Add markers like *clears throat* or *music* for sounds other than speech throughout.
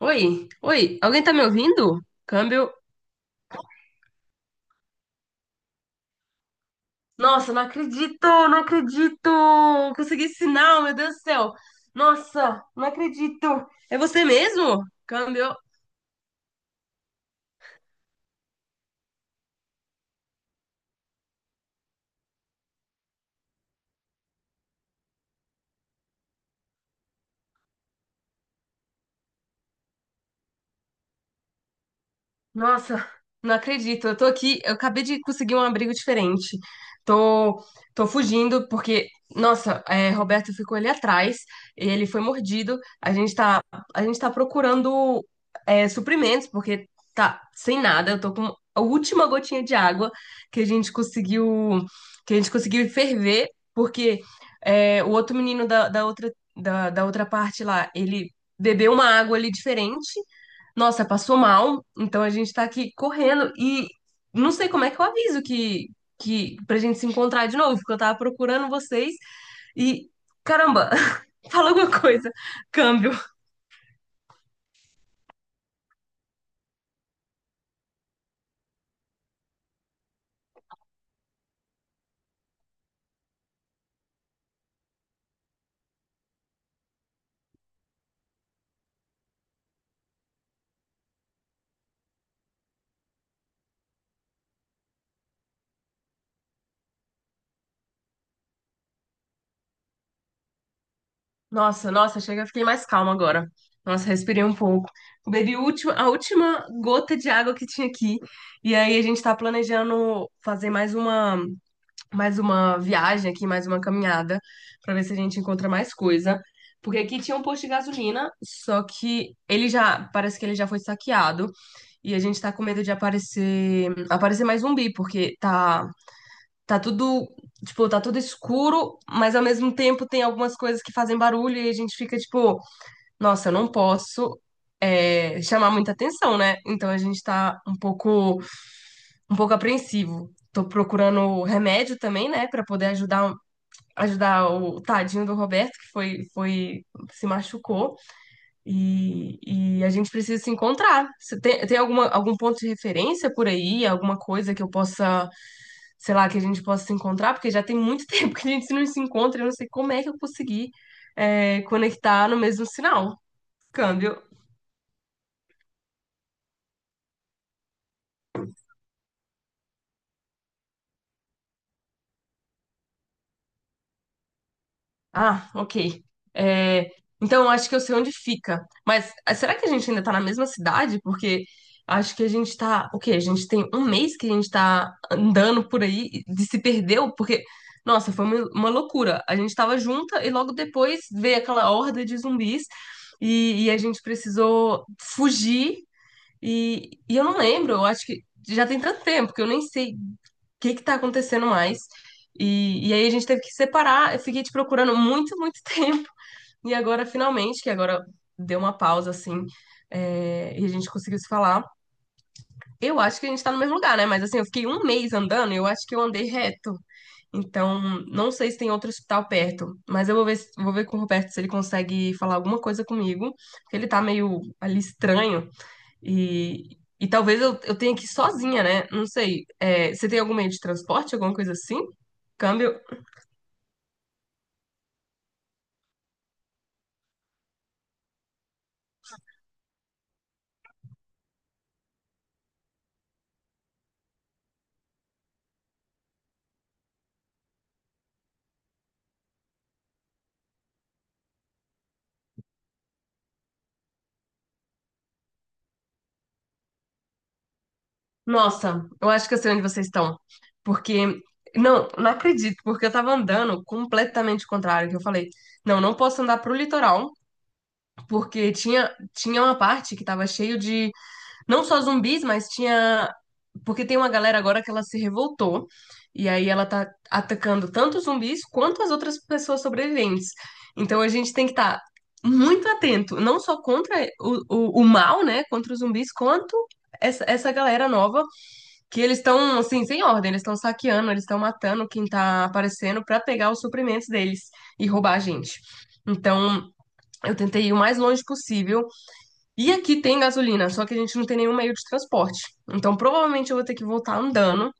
Oi, oi, alguém tá me ouvindo? Câmbio. Nossa, não acredito, não acredito! Consegui sinal, meu Deus do céu! Nossa, não acredito! É você mesmo? Câmbio. Nossa, não acredito. Eu tô aqui, eu acabei de conseguir um abrigo diferente. Tô, tô fugindo porque, nossa, Roberto ficou ali atrás, ele foi mordido. A gente tá procurando suprimentos porque tá sem nada. Eu tô com a última gotinha de água que a gente conseguiu, que a gente conseguiu ferver porque o outro menino da outra da outra parte lá, ele bebeu uma água ali diferente. Nossa, passou mal, então a gente tá aqui correndo e não sei como é que eu aviso que pra gente se encontrar de novo, porque eu tava procurando vocês e caramba, *laughs* fala alguma coisa. Câmbio. Nossa, nossa, chega, eu fiquei mais calma agora. Nossa, respirei um pouco. Bebi a última gota de água que tinha aqui. E aí a gente tá planejando fazer mais uma. Mais uma viagem aqui, mais uma caminhada, pra ver se a gente encontra mais coisa. Porque aqui tinha um posto de gasolina, só que ele já, parece que ele já foi saqueado. E a gente tá com medo de aparecer, aparecer mais zumbi, porque tá tudo, tipo, tá tudo escuro, mas ao mesmo tempo tem algumas coisas que fazem barulho e a gente fica tipo, nossa, eu não posso chamar muita atenção, né? Então a gente tá um pouco apreensivo. Tô procurando remédio também, né, pra poder ajudar o tadinho do Roberto, que foi se machucou, e a gente precisa se encontrar. Você tem alguma, algum ponto de referência por aí, alguma coisa que eu possa, sei lá, que a gente possa se encontrar? Porque já tem muito *laughs* tempo que a gente não se encontra, eu não sei como é que eu consegui, conectar no mesmo sinal. Câmbio. Ah, ok. É, então, eu acho que eu sei onde fica. Mas ah, será que a gente ainda tá na mesma cidade? Porque acho que a gente tá. O quê? A gente tem um mês que a gente tá andando por aí e de se perdeu, porque, nossa, foi uma loucura. A gente tava junta e logo depois veio aquela horda de zumbis e a gente precisou fugir. E eu não lembro, eu acho que já tem tanto tempo que eu nem sei o que que tá acontecendo mais. E aí a gente teve que separar, eu fiquei te procurando muito, muito *laughs* tempo. E agora, finalmente, que agora deu uma pausa, assim, e a gente conseguiu se falar. Eu acho que a gente tá no mesmo lugar, né? Mas assim, eu fiquei um mês andando e eu acho que eu andei reto. Então, não sei se tem outro hospital perto, mas eu vou ver, vou ver com o Roberto se ele consegue falar alguma coisa comigo, porque ele tá meio ali estranho. E talvez eu tenha que ir sozinha, né? Não sei. É, você tem algum meio de transporte, alguma coisa assim? Câmbio? Nossa, eu acho que eu sei onde vocês estão. Porque. Não, não acredito, porque eu tava andando completamente contrário, que eu falei, não, não posso andar pro litoral, porque tinha uma parte que tava cheio de. Não só zumbis, mas tinha. Porque tem uma galera agora que ela se revoltou. E aí ela tá atacando tanto os zumbis quanto as outras pessoas sobreviventes. Então a gente tem que estar muito atento, não só contra o mal, né? Contra os zumbis, quanto essa galera nova, que eles estão, assim, sem ordem, eles estão saqueando, eles estão matando quem tá aparecendo pra pegar os suprimentos deles e roubar a gente. Então, eu tentei ir o mais longe possível e aqui tem gasolina, só que a gente não tem nenhum meio de transporte. Então, provavelmente eu vou ter que voltar andando.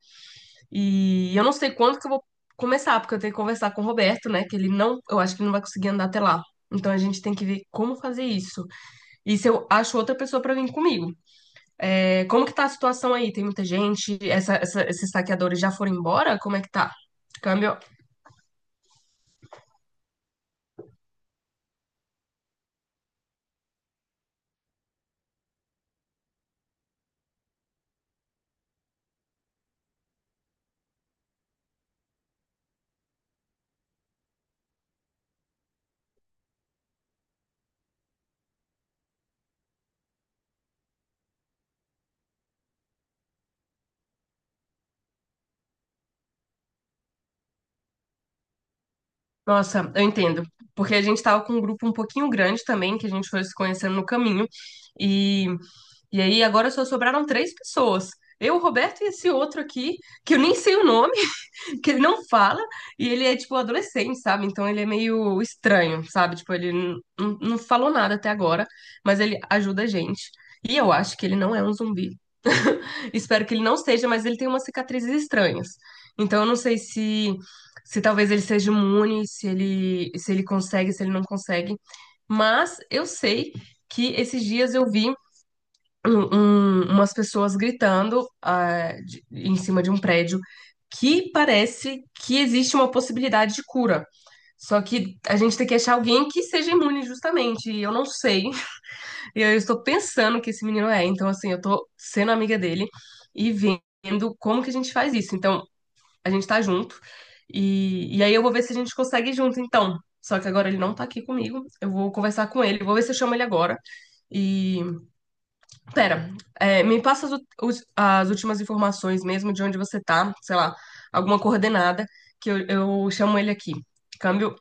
E eu não sei quando que eu vou começar, porque eu tenho que conversar com o Roberto, né? Que ele não, eu acho que ele não vai conseguir andar até lá. Então, a gente tem que ver como fazer isso. E se eu acho outra pessoa pra vir comigo. É, como que tá a situação aí? Tem muita gente? Esses saqueadores já foram embora? Como é que tá? Câmbio. Nossa, eu entendo. Porque a gente tava com um grupo um pouquinho grande também, que a gente foi se conhecendo no caminho. E, e aí agora só sobraram três pessoas. Eu, o Roberto e esse outro aqui, que eu nem sei o nome, *laughs* que ele não fala, e ele é tipo adolescente, sabe? Então ele é meio estranho, sabe? Tipo, ele não falou nada até agora, mas ele ajuda a gente. E eu acho que ele não é um zumbi. Espero que ele não seja, mas ele tem umas cicatrizes estranhas. Então eu não sei se se talvez ele seja imune, se ele se ele consegue, se ele não consegue. Mas eu sei que esses dias eu vi um- umas pessoas gritando ah, em cima de um prédio que parece que existe uma possibilidade de cura. Só que a gente tem que achar alguém que seja imune, justamente. E eu não sei e eu estou pensando que esse menino é. Então, assim, eu tô sendo amiga dele e vendo como que a gente faz isso. Então, a gente tá junto. E aí eu vou ver se a gente consegue ir junto, então. Só que agora ele não tá aqui comigo. Eu vou conversar com ele, vou ver se eu chamo ele agora. E. Pera, é, me passa as últimas informações mesmo de onde você tá, sei lá, alguma coordenada, que eu chamo ele aqui. Câmbio.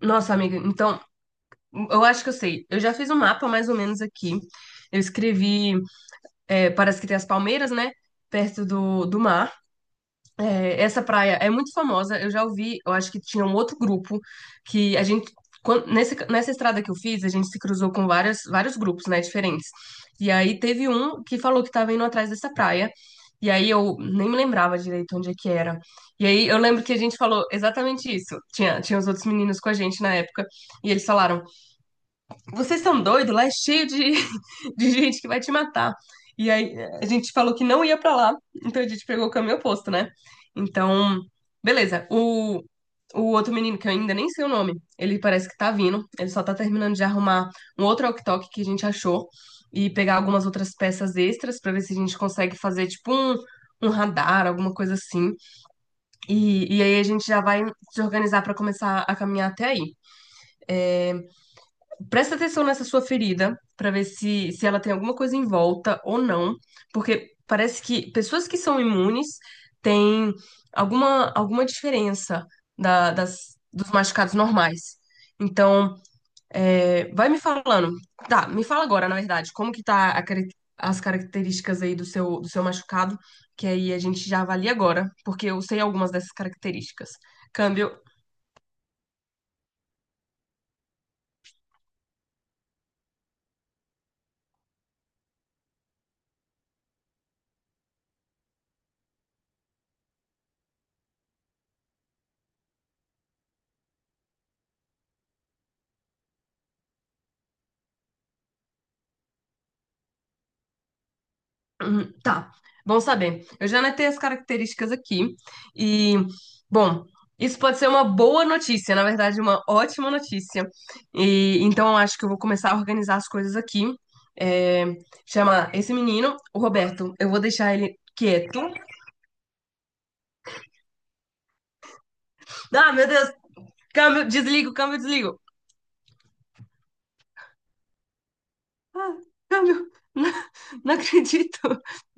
Nossa, amiga, então, eu acho que eu sei. Eu já fiz um mapa mais ou menos aqui. Eu escrevi é, parece que tem as palmeiras, né? Perto do mar. É, essa praia é muito famosa. Eu já ouvi, eu acho que tinha um outro grupo que a gente. Quan- nesse- nessa estrada que eu fiz, a gente se cruzou com vários grupos, né, diferentes. E aí teve um que falou que estava indo atrás dessa praia. E aí eu nem me lembrava direito onde é que era. E aí eu lembro que a gente falou exatamente isso. Tinha os outros meninos com a gente na época. E eles falaram: Vocês são doidos? Lá é cheio de gente que vai te matar. E aí a gente falou que não ia pra lá, então a gente pegou o caminho oposto, né? Então, beleza. O outro menino, que eu ainda nem sei o nome, ele parece que tá vindo, ele só tá terminando de arrumar um outro walkie-talkie que a gente achou e pegar algumas outras peças extras pra ver se a gente consegue fazer tipo um radar, alguma coisa assim. E aí a gente já vai se organizar pra começar a caminhar até aí. É, presta atenção nessa sua ferida para ver se ela tem alguma coisa em volta ou não, porque parece que pessoas que são imunes têm alguma, alguma diferença dos machucados normais. Então, é, vai me falando. Tá, me fala agora, na verdade, como que tá as características aí do do seu machucado, que aí a gente já avalia agora, porque eu sei algumas dessas características. Câmbio. *clears throat* Uhum. Tá, bom saber. Eu já anotei as características aqui e, bom, isso pode ser uma boa notícia, na verdade, uma ótima notícia. E então eu acho que eu vou começar a organizar as coisas aqui. É, chamar esse menino, o Roberto. Eu vou deixar ele quieto. Ah, meu Deus! Câmbio, desligo, câmbio, desligo. Ah, câmbio, *laughs* não, não acredito.